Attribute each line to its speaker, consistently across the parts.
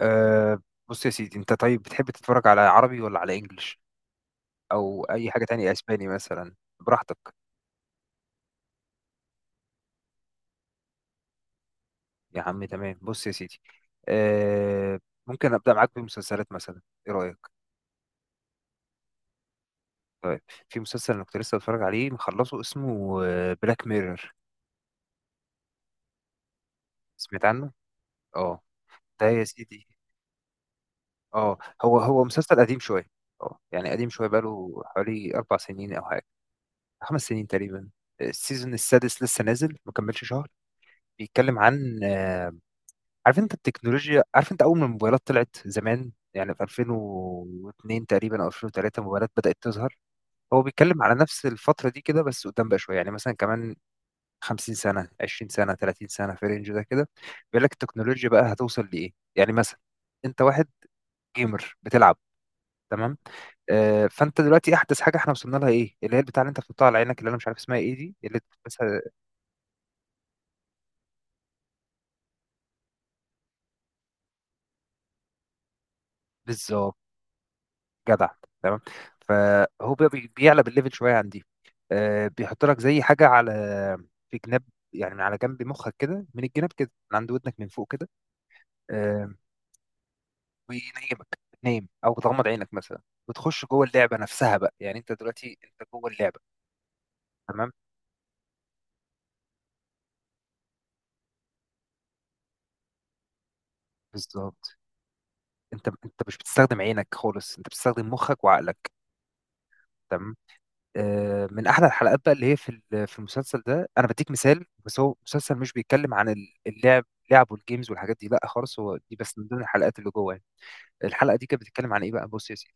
Speaker 1: أه. بص يا سيدي، انت طيب بتحب تتفرج على عربي ولا على انجليش، او اي حاجة تانية اسباني مثلا؟ براحتك. يا عم تمام. بص يا سيدي، أه ممكن ابدأ معاك بمسلسلات مثلا؟ ايه رأيك؟ طيب. في مسلسل انا كنت لسه بتفرج عليه مخلصه، اسمه بلاك ميرور. سمعت عنه. اه، ده يا سيدي، اه هو هو مسلسل قديم شوية. اه يعني قديم شوية، بقاله حوالي 4 سنين او حاجة، 5 سنين تقريبا. السيزون السادس لسه نازل ما كملش شهر. بيتكلم عن عارف انت التكنولوجيا، عارف انت اول ما الموبايلات طلعت زمان، يعني في 2002 تقريبا او 2003، موبايلات بدأت تظهر. هو بيتكلم على نفس الفترة دي كده، بس قدام بقى شوية، يعني مثلا كمان 50 سنة، 20 سنة، 30 سنة، في الرينج ده كده. بيقول لك التكنولوجيا بقى هتوصل لإيه، يعني مثلا انت واحد جيمر بتلعب، تمام. فانت دلوقتي احدث حاجة احنا وصلنا لها ايه، اللي هي البتاع اللي انت بتحطها على عينك، اللي انا مش عارف اسمها ايه دي، اللي بتلبسها. بالظبط، جدع، تمام. فهو بقى بيعلى بالليفل شويه عن دي. بيحط لك زي حاجه على في جناب، يعني من على جنب مخك كده، من الجناب كده، من عند ودنك، من فوق كده. آه، وينيمك تنام او تغمض عينك مثلا، وتخش جوه اللعبه نفسها بقى، يعني انت دلوقتي انت جوه اللعبه، تمام. بالظبط. انت مش بتستخدم عينك خالص، انت بتستخدم مخك وعقلك، تمام. من احلى الحلقات بقى اللي هي في المسلسل ده، انا بديك مثال، بس هو مسلسل مش بيتكلم عن اللعب، لعب والجيمز والحاجات دي، لا خالص، هو دي بس من ضمن الحلقات اللي جوه يعني. الحلقه دي كانت بتتكلم عن ايه بقى؟ بص يا سيدي،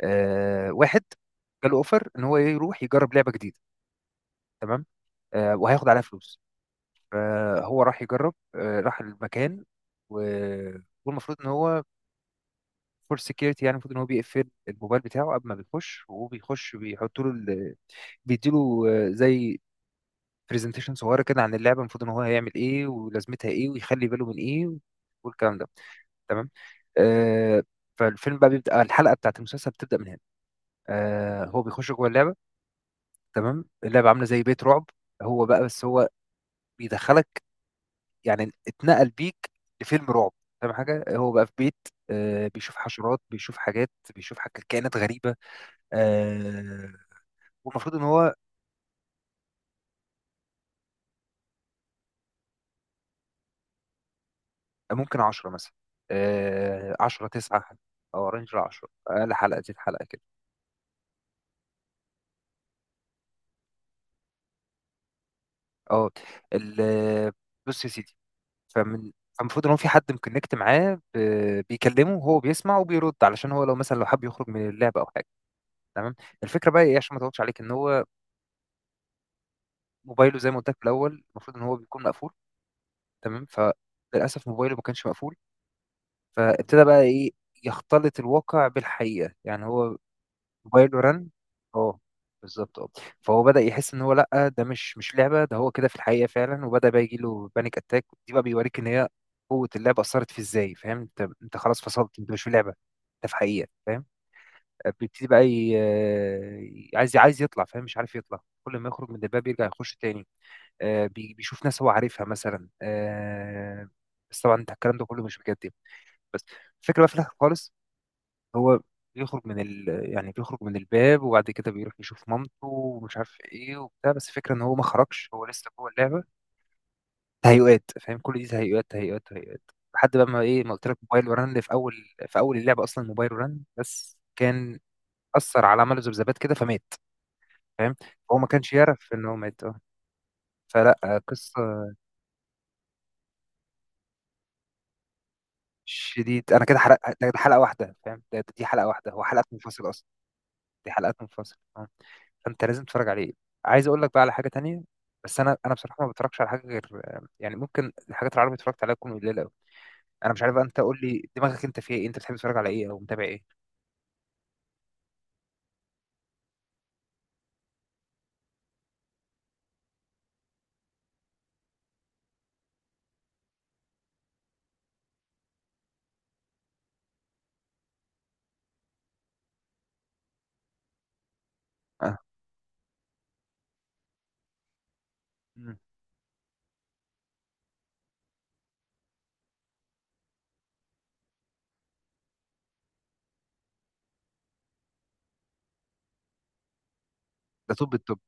Speaker 1: واحد جاله اوفر ان هو يروح يجرب لعبه جديده، تمام. وهياخد عليها فلوس. فهو راح يجرب، راح المكان، و- والمفروض ان هو فور سكيورتي، يعني المفروض ان هو بيقفل الموبايل بتاعه قبل ما بيخش، وهو بيخش بيحط له بيديله زي برزنتيشن صغيره كده عن اللعبه، المفروض ان هو هيعمل ايه، ولازمتها ايه، ويخلي باله من ايه، والكلام ده، تمام. آه فالفيلم بقى بيبدا، الحلقه بتاعت المسلسل بتبدا من هنا. هو بيخش جوه اللعبه، تمام. اللعبه عامله زي بيت رعب. هو بقى بس هو بيدخلك، يعني اتنقل بيك لفيلم رعب، فاهم حاجه، هو بقى في بيت، بيشوف حشرات، بيشوف حاجات، بيشوف حاجات كائنات غريبه. آه والمفروض ان هو ممكن 10 مثلا، 10، 9، أو رينج 10، أقل حلقة دي الحلقة كده. اه ال- بص يا سيدي، فمن فالمفروض ان هو في حد مكونكت معاه، بيكلمه وهو بيسمع وبيرد، علشان هو لو مثلا لو حب يخرج من اللعبه او حاجه، تمام. الفكره بقى ايه، عشان ما اطولش عليك، ان هو موبايله زي ما قلت لك في الاول المفروض ان هو بيكون مقفول، تمام. فللاسف موبايله ما كانش مقفول، فابتدى بقى ايه، يختلط الواقع بالحقيقه، يعني هو موبايل ورن، اه، بالظبط، اه. فهو بدأ يحس ان هو لا ده مش لعبة، ده هو كده في الحقيقة فعلا، وبدأ بقى يجي له بانيك اتاك. دي بقى بيوريك ان هي قوة اللعبة أثرت في ازاي، فاهم؟ انت خلاص فصلت، انت مش في لعبة، انت في حقيقة، فاهم؟ بيبتدي بقى عايز يطلع، فاهم، مش عارف يطلع، كل ما يخرج من الباب يرجع يخش تاني. بيشوف ناس هو عارفها مثلا، بس طبعا انت الكلام ده كله مش بجد يعني. بس الفكرة بقى في الآخر خالص، هو بيخرج من يعني بيخرج من الباب، وبعد كده بيروح يشوف مامته ومش عارف ايه وبتاع، بس الفكره ان هو ما خرجش، هو لسه جوه اللعبه. تهيؤات، فاهم، كل دي تهيؤات، تهيؤات، تهيؤات. لحد بقى ما، ايه، ما قلت لك موبايل ورن اللي في اول اللعبه اصلا، موبايل ورن بس كان اثر على، عمله ذبذبات كده فمات، فاهم. هو ما كانش يعرف ان هو مات، اه، فلا، قصه. شديد، انا كده حرق ده حلقه واحده، فاهم، دي حلقه واحده، هو حلقات منفصله اصلا. دي حلقات منفصله. فانت لازم تتفرج عليه. عايز اقول لك بقى على حاجه تانية، بس انا بصراحه ما بتفرجش على حاجه غير يعني، ممكن الحاجات العربي اتفرجت عليها تكون قليله قوي. انا مش عارف بقى، انت قول لي دماغك انت فيها ايه، انت بتحب تتفرج على ايه او متابع ايه؟ اه. مم. ده توب التوب.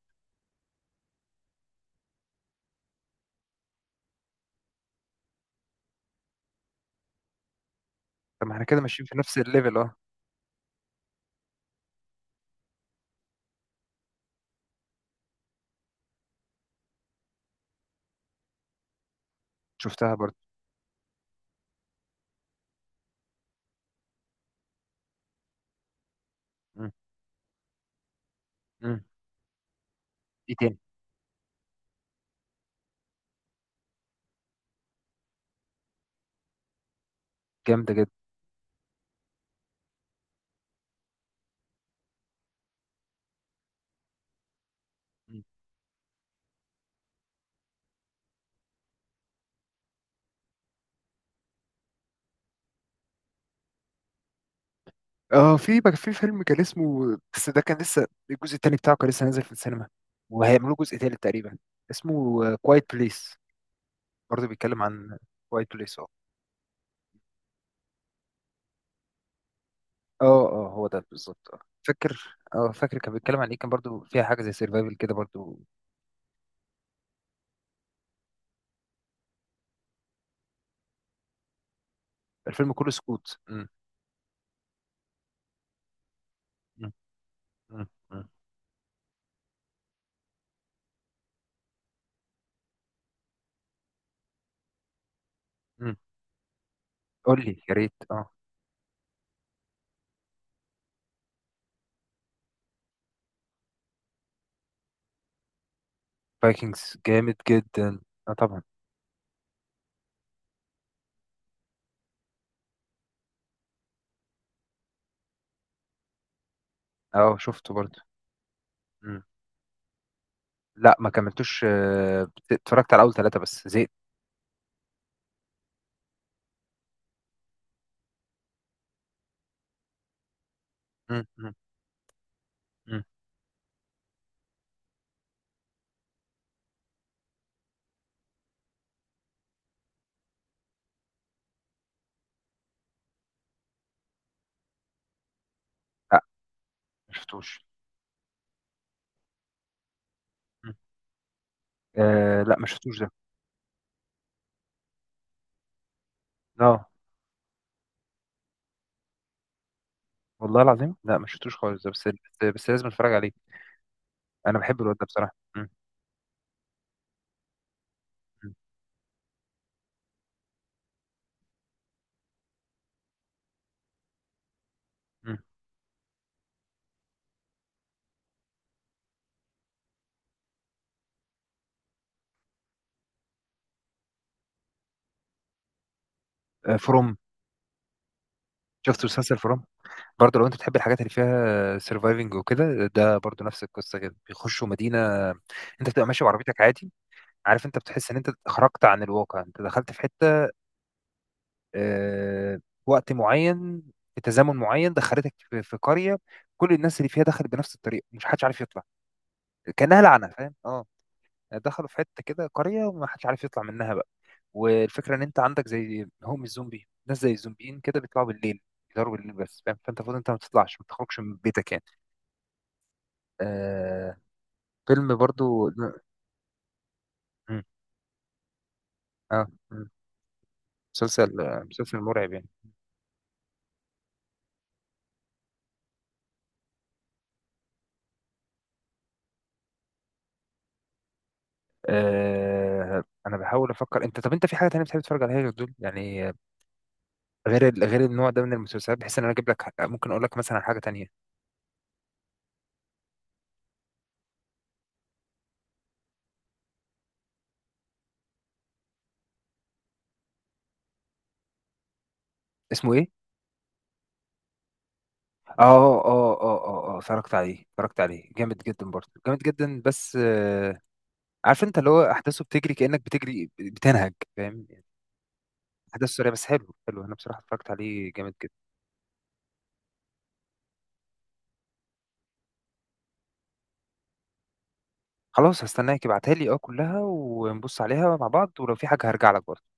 Speaker 1: طب ما احنا كده ماشيين في نفس الليفل، اه. شفتها برضه. مم. مم. ايه تاني. جامده جدا. مم. اه، في بقى في فيلم كان اسمه، بس ده كان لسه الجزء التاني بتاعه كان لسه نازل في السينما، وهيعملوا جزء تالت تقريبا، اسمه كوايت بليس. برضه بيتكلم عن كوايت بليس، اه اه، هو ده بالظبط، اه. فاكر كان بيتكلم عن ايه، كان برضو فيها حاجه زي سيرفايفل كده برضو. الفيلم كله سكوت. مم. مم. مم. مم. مم. قول لي يا ريت، اه. فايكنجز جامد جدا، اه طبعا. اه شفته برضو. مم. لا ما كملتوش، اتفرجت على اول ثلاثه بس زهقت. مم. مم. مم. لا ما شفتوش. مم. لا ما شفتوش ده، اه، والله العظيم لا ما شفتوش خالص ده، بس لازم اتفرج عليه. انا بحب الواد ده بصراحه. مم. مم. فروم. شفت مسلسل فروم؟ برضه لو انت بتحب الحاجات اللي فيها سيرفايفنج وكده، ده برضه نفس القصه كده، بيخشوا مدينه، انت بتبقى ماشي بعربيتك عادي، عارف، انت بتحس ان انت خرجت عن الواقع، انت دخلت في حته، آه، وقت معين، في تزامن معين دخلتك في قريه، كل الناس اللي فيها دخلت بنفس الطريقه، مش حدش عارف يطلع، كانها لعنه، فاهم، اه. دخلوا في حته كده قريه، وما حدش عارف يطلع منها بقى. والفكره ان انت عندك زي هم الزومبي، ناس زي الزومبيين كده بيطلعوا بالليل، بيضربوا بالليل بس، فاهم، فانت المفروض انت ما تطلعش، ما تخرجش من بيتك يعني. آه، فيلم برضو. مم. اه. مم. مسلسل مرعب يعني. انا بحاول افكر، انت طب انت في حاجه تانية بتحب تتفرج عليها غير دول يعني، غير النوع ده من المسلسلات، بحيث ان انا اجيب لك ممكن اقول لك مثلا على حاجه تانية. اسمه ايه؟ اه، اه، اه، اه، اه، اتفرجت عليه جامد جدا، برضه جامد جدا بس، عارف انت، اللي هو احداثه بتجري، كانك بتجري بتنهج، فاهم يعني؟ احداث سريعه بس، حلو، حلو، انا بصراحه اتفرجت عليه جامد جدا. خلاص، هستناك ابعتها لي كلها، ونبص عليها مع بعض، ولو في حاجه هرجع لك برضه.